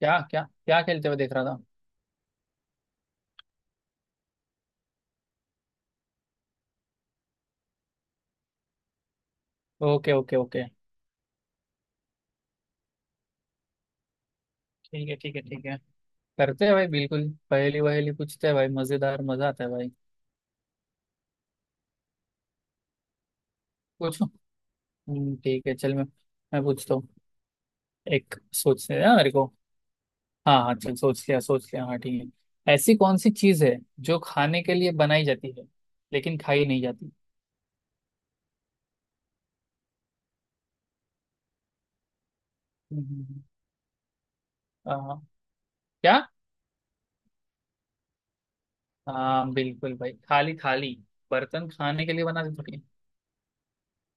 क्या क्या क्या खेलते हुए देख रहा था? Okay okay okay. ठीक है ठीक है ठीक है। करते हैं भाई, बिल्कुल पहेली वहेली पूछते हैं भाई, मजेदार, मजा आता है भाई। पूछो। ठीक है, चल मैं पूछता हूँ। एक सोचने दे ना मेरे को। हाँ हाँ, चल, सोच लिया सोच लिया, हाँ ठीक है। ऐसी कौन सी चीज है जो खाने के लिए बनाई जाती है लेकिन खाई नहीं जाती? हम्म, आ, क्या? हाँ बिल्कुल भाई, थाली थाली। बर्तन खाने के लिए बनाते थोड़ी है।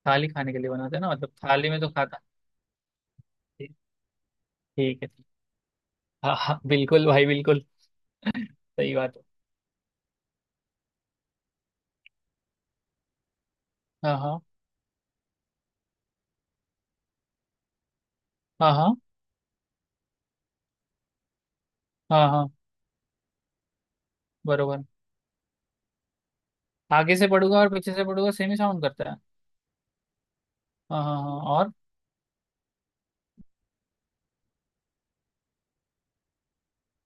थाली खाने के लिए बनाते हैं ना, मतलब थाली में तो खाता। ठीक है। हाँ हाँ, बिल्कुल भाई, बिल्कुल। सही बात है। हाँ हाँ हाँ। हाँ हाँ हाँ। बरोबर। आगे से पढ़ूंगा और पीछे से पढ़ूंगा, सेम ही साउंड करता है। हाँ हाँ हाँ। और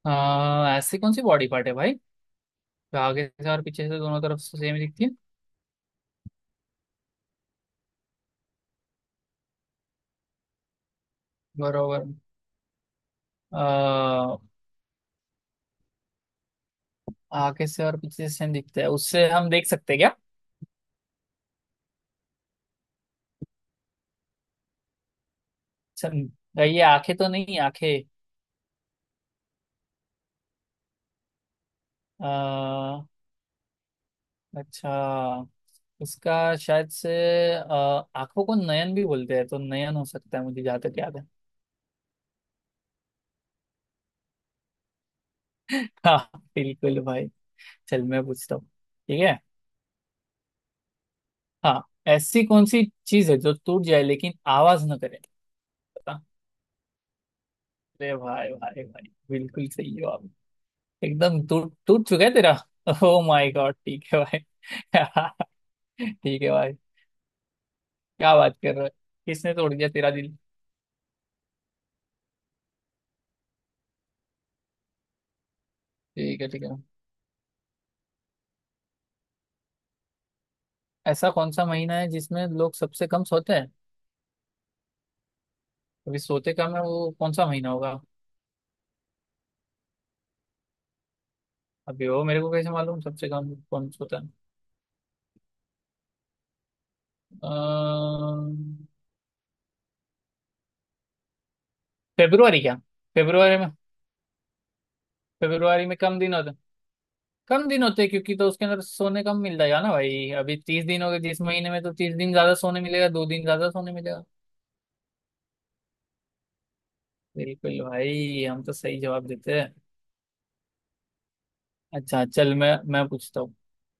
ऐसी कौन सी बॉडी पार्ट है भाई जो आगे से और पीछे से दोनों तरफ से सेम दिखती है? बरोबर। आ, आगे से और पीछे से सेम दिखता है, उससे हम देख सकते हैं क्या? सम- ये आंखें तो नहीं? आंखें? आ, अच्छा, इसका शायद से अ, आंखों को नयन भी बोलते हैं, तो नयन हो सकता है, मुझे जहाँ तक याद है। हाँ बिल्कुल भाई। चल मैं पूछता हूँ। ठीक है। हाँ, ऐसी कौन सी चीज है जो टूट जाए लेकिन आवाज ना करे? बता। अरे भाई भाई भाई, बिल्कुल सही हो आप। एकदम टूट टूट चुका है तेरा। ओ माय गॉड, ठीक है भाई। ठीक है भाई। क्या बात कर रहा है? किसने तोड़ दिया तेरा दिल? ठीक है ठीक है। ऐसा कौन सा महीना है जिसमें लोग सबसे कम सोते हैं? अभी सोते कम है वो कौन सा महीना होगा? अभी वो मेरे को कैसे मालूम सबसे कम कौन सोता है? अ, फेब्रुआरी क्या? फेब्रुआरी में। फेब्रुआरी में कम दिन होते। कम दिन होते हैं क्योंकि, तो उसके अंदर सोने कम मिल जाएगा ना भाई। अभी तीस दिन हो गए जिस महीने में, तो तीस दिन ज्यादा सोने मिलेगा, दो दिन ज्यादा सोने मिलेगा। बिल्कुल भाई, हम तो सही जवाब देते हैं। अच्छा, चल मैं पूछता हूँ।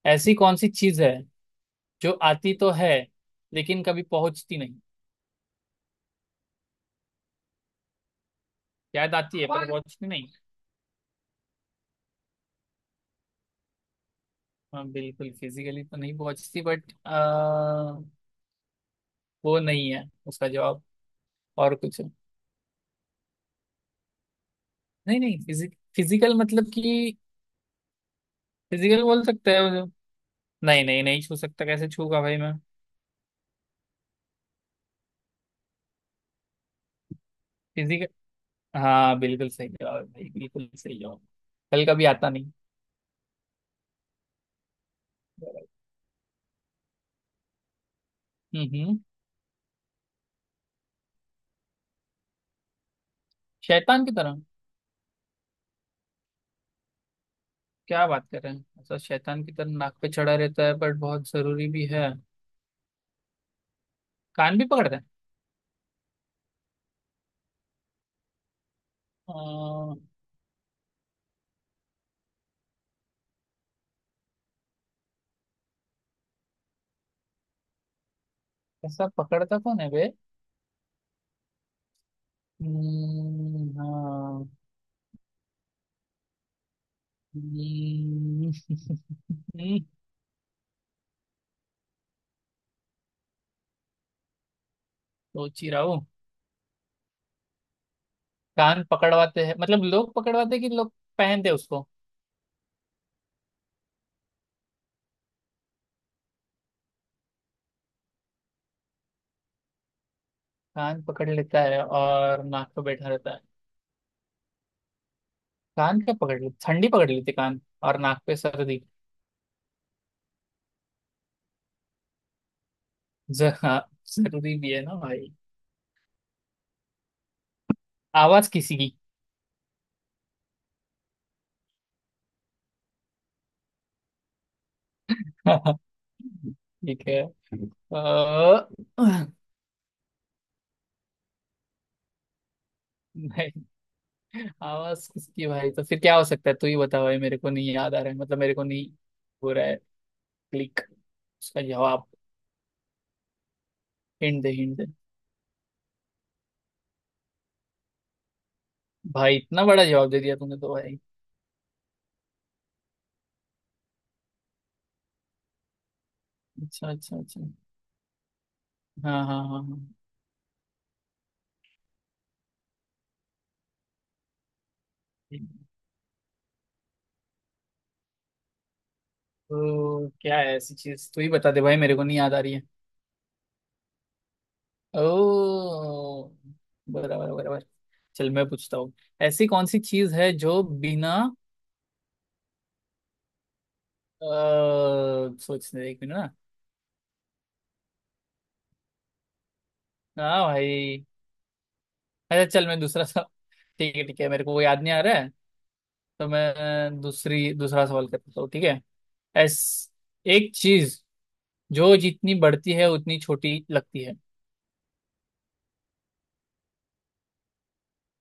ऐसी कौन सी चीज है जो आती तो है लेकिन कभी पहुंचती नहीं? शायद आती है पर पहुंचती नहीं। हाँ बिल्कुल, फिजिकली तो नहीं पहुंचती, बट वो नहीं है उसका जवाब। और कुछ है। नहीं नहीं, फिजिकल मतलब कि, फिजिकल बोल सकते हैं मुझे। नहीं नहीं नहीं, छू सकता, कैसे छूगा भाई मैं? फिजिकल। हाँ बिल्कुल सही जवाब है भाई, बिल्कुल सही जवाब। कल कभी आता नहीं। हम्म हम्म। शैतान की तरह? क्या बात कर रहे हैं? अच्छा, शैतान की तरह नाक पे चढ़ा रहता है बट बहुत जरूरी भी है। कान भी पकड़ता है? अह, ऐसा पकड़ता कौन है बे? हाँ। हम्म, सोच ही रहा हूँ। कान पकड़वाते हैं, मतलब लोग पकड़वाते हैं कि लोग पहनते हैं उसको। कान पकड़ लेता है और नाक पे बैठा रहता है? कान क्या पकड़ ले? ठंडी पकड़ लेती कान और नाक पे सर्दी। हाँ, जरूरी भी है ना भाई। आवाज किसी की? ठीक है। नहीं, आवाज किसकी भाई, तो फिर क्या हो सकता है? तू ही बता भाई, मेरे को नहीं याद आ रहा है, मतलब मेरे को नहीं हो रहा है क्लिक। उसका जवाब। हिंट दे हिंट दे। भाई इतना बड़ा जवाब दे दिया तूने तो भाई। अच्छा अच्छा अच्छा। हाँ हाँ हाँ। हाँ तो क्या है ऐसी चीज, तू ही बता दे भाई, मेरे को नहीं याद आ रही है। ओ, बराबर बराबर। चल मैं पूछता हूँ। ऐसी कौन सी चीज है जो बिना अ, सोचने एक मिनट ना। हाँ भाई। अच्छा, चल मैं दूसरा सवाल। ठीक है ठीक है, मेरे को वो याद नहीं आ रहा है, तो मैं दूसरी दूसरा सवाल करता हूँ, ठीक है। एस, एक चीज जो जितनी बढ़ती है उतनी छोटी लगती है।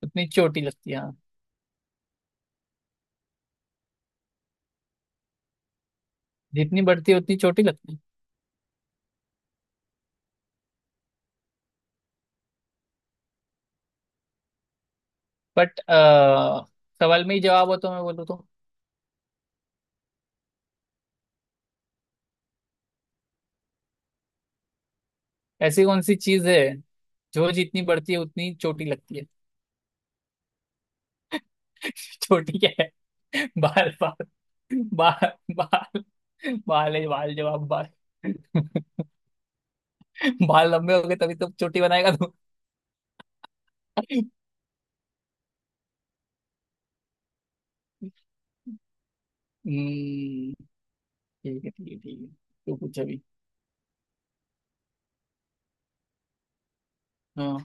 उतनी छोटी लगती है, हाँ। जितनी बढ़ती है उतनी छोटी लगती है। बट सवाल में ही जवाब हो तो मैं बोलूँ तो। ऐसी कौन सी चीज है जो जितनी बढ़ती है उतनी चोटी लगती है? चोटी क्या है? बाल बाल। बाल बाल। बाल है बाल, जवाब बाल। बाल लंबे हो गए तभी तो चोटी बनाएगा तू। हम्म, ठीक है ठीक है ठीक है। तू पूछ अभी। हाँ।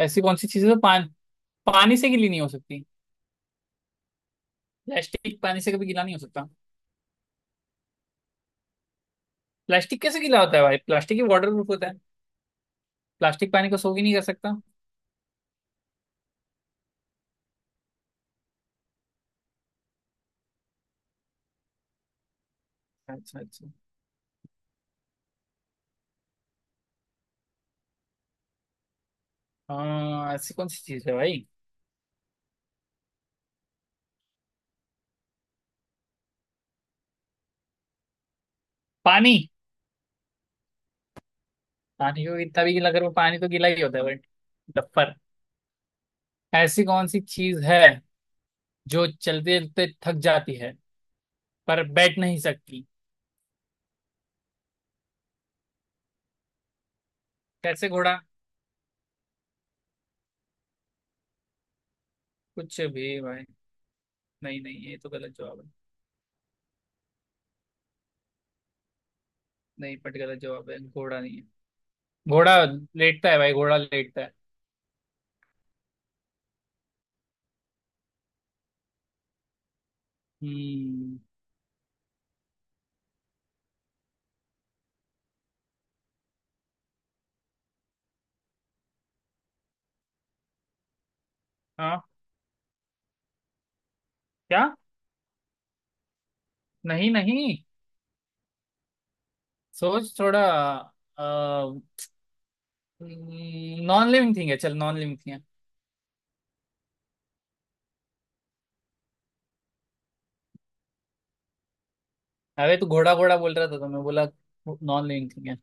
ऐसी कौन सी चीज़ है जो पानी से गीली नहीं हो सकती? प्लास्टिक पानी से कभी गीला नहीं हो सकता। प्लास्टिक कैसे गीला होता है भाई? प्लास्टिक ही वाटर प्रूफ होता। प्लास्टिक पानी को सोख ही नहीं कर सकता। अच्छा अच्छा। हाँ, ऐसी कौन सी चीज है भाई? पानी? पानी को कितना भी गीला करो, पानी तो गीला ही होता है बट डफर। ऐसी कौन सी चीज है जो चलते चलते थक जाती है पर बैठ नहीं सकती? कैसे घोड़ा? कुछ भी भाई। नहीं नहीं, ये तो गलत जवाब है। नहीं, बट गलत जवाब है, घोड़ा नहीं है। घोड़ा लेटता है भाई, घोड़ा लेटता है। हम्म। हाँ। क्या? नहीं नहीं, सोच थोड़ा। नॉन लिविंग थिंग है, चल नॉन लिविंग थिंग है। अरे तू घोड़ा घोड़ा बोल रहा था तो मैं बोला नॉन लिविंग थिंग है।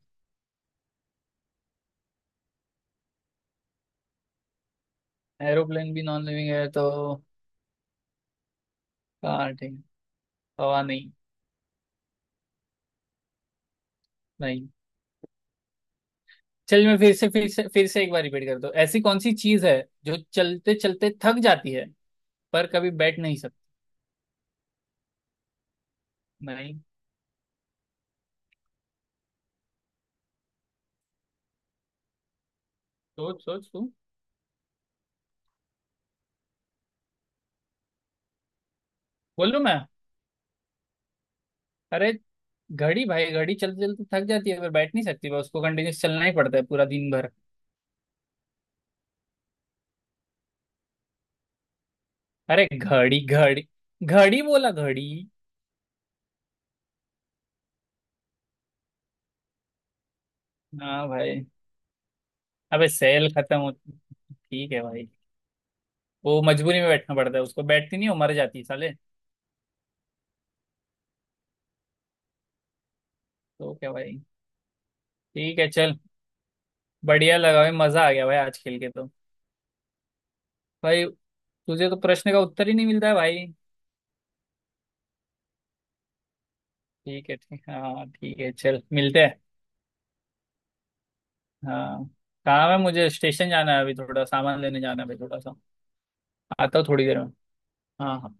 एरोप्लेन भी नॉन लिविंग है तो। हाँ ठीक। हवा नहीं। नहीं। चल मैं फिर से फिर से फिर से एक बार रिपीट कर दो। ऐसी कौन सी चीज है जो चलते चलते थक जाती है पर कभी बैठ नहीं सकती? नहीं। सोच सोच तू। बोलू मैं? अरे घड़ी भाई, घड़ी चलते चलते थक जाती है पर बैठ नहीं सकती, बस उसको कंटिन्यूस चलना ही पड़ता है पूरा दिन भर। अरे घड़ी घड़ी, घड़ी बोला, घड़ी। हाँ भाई, अबे सेल खत्म होती, ठीक है भाई, वो मजबूरी में बैठना पड़ता है उसको, बैठती नहीं, वो मर जाती है साले। तो क्या भाई? ठीक है चल। बढ़िया लगा भाई, मजा आ गया भाई आज खेल के तो। भाई, तुझे तो प्रश्न का उत्तर ही नहीं मिलता है भाई। ठीक है, ठीक, हाँ ठीक है, चल मिलते हैं। हाँ, काम है, मुझे स्टेशन जाना है अभी, थोड़ा सामान लेने जाना है अभी थोड़ा सा। आता हूँ थोड़ी देर में। हाँ हाँ।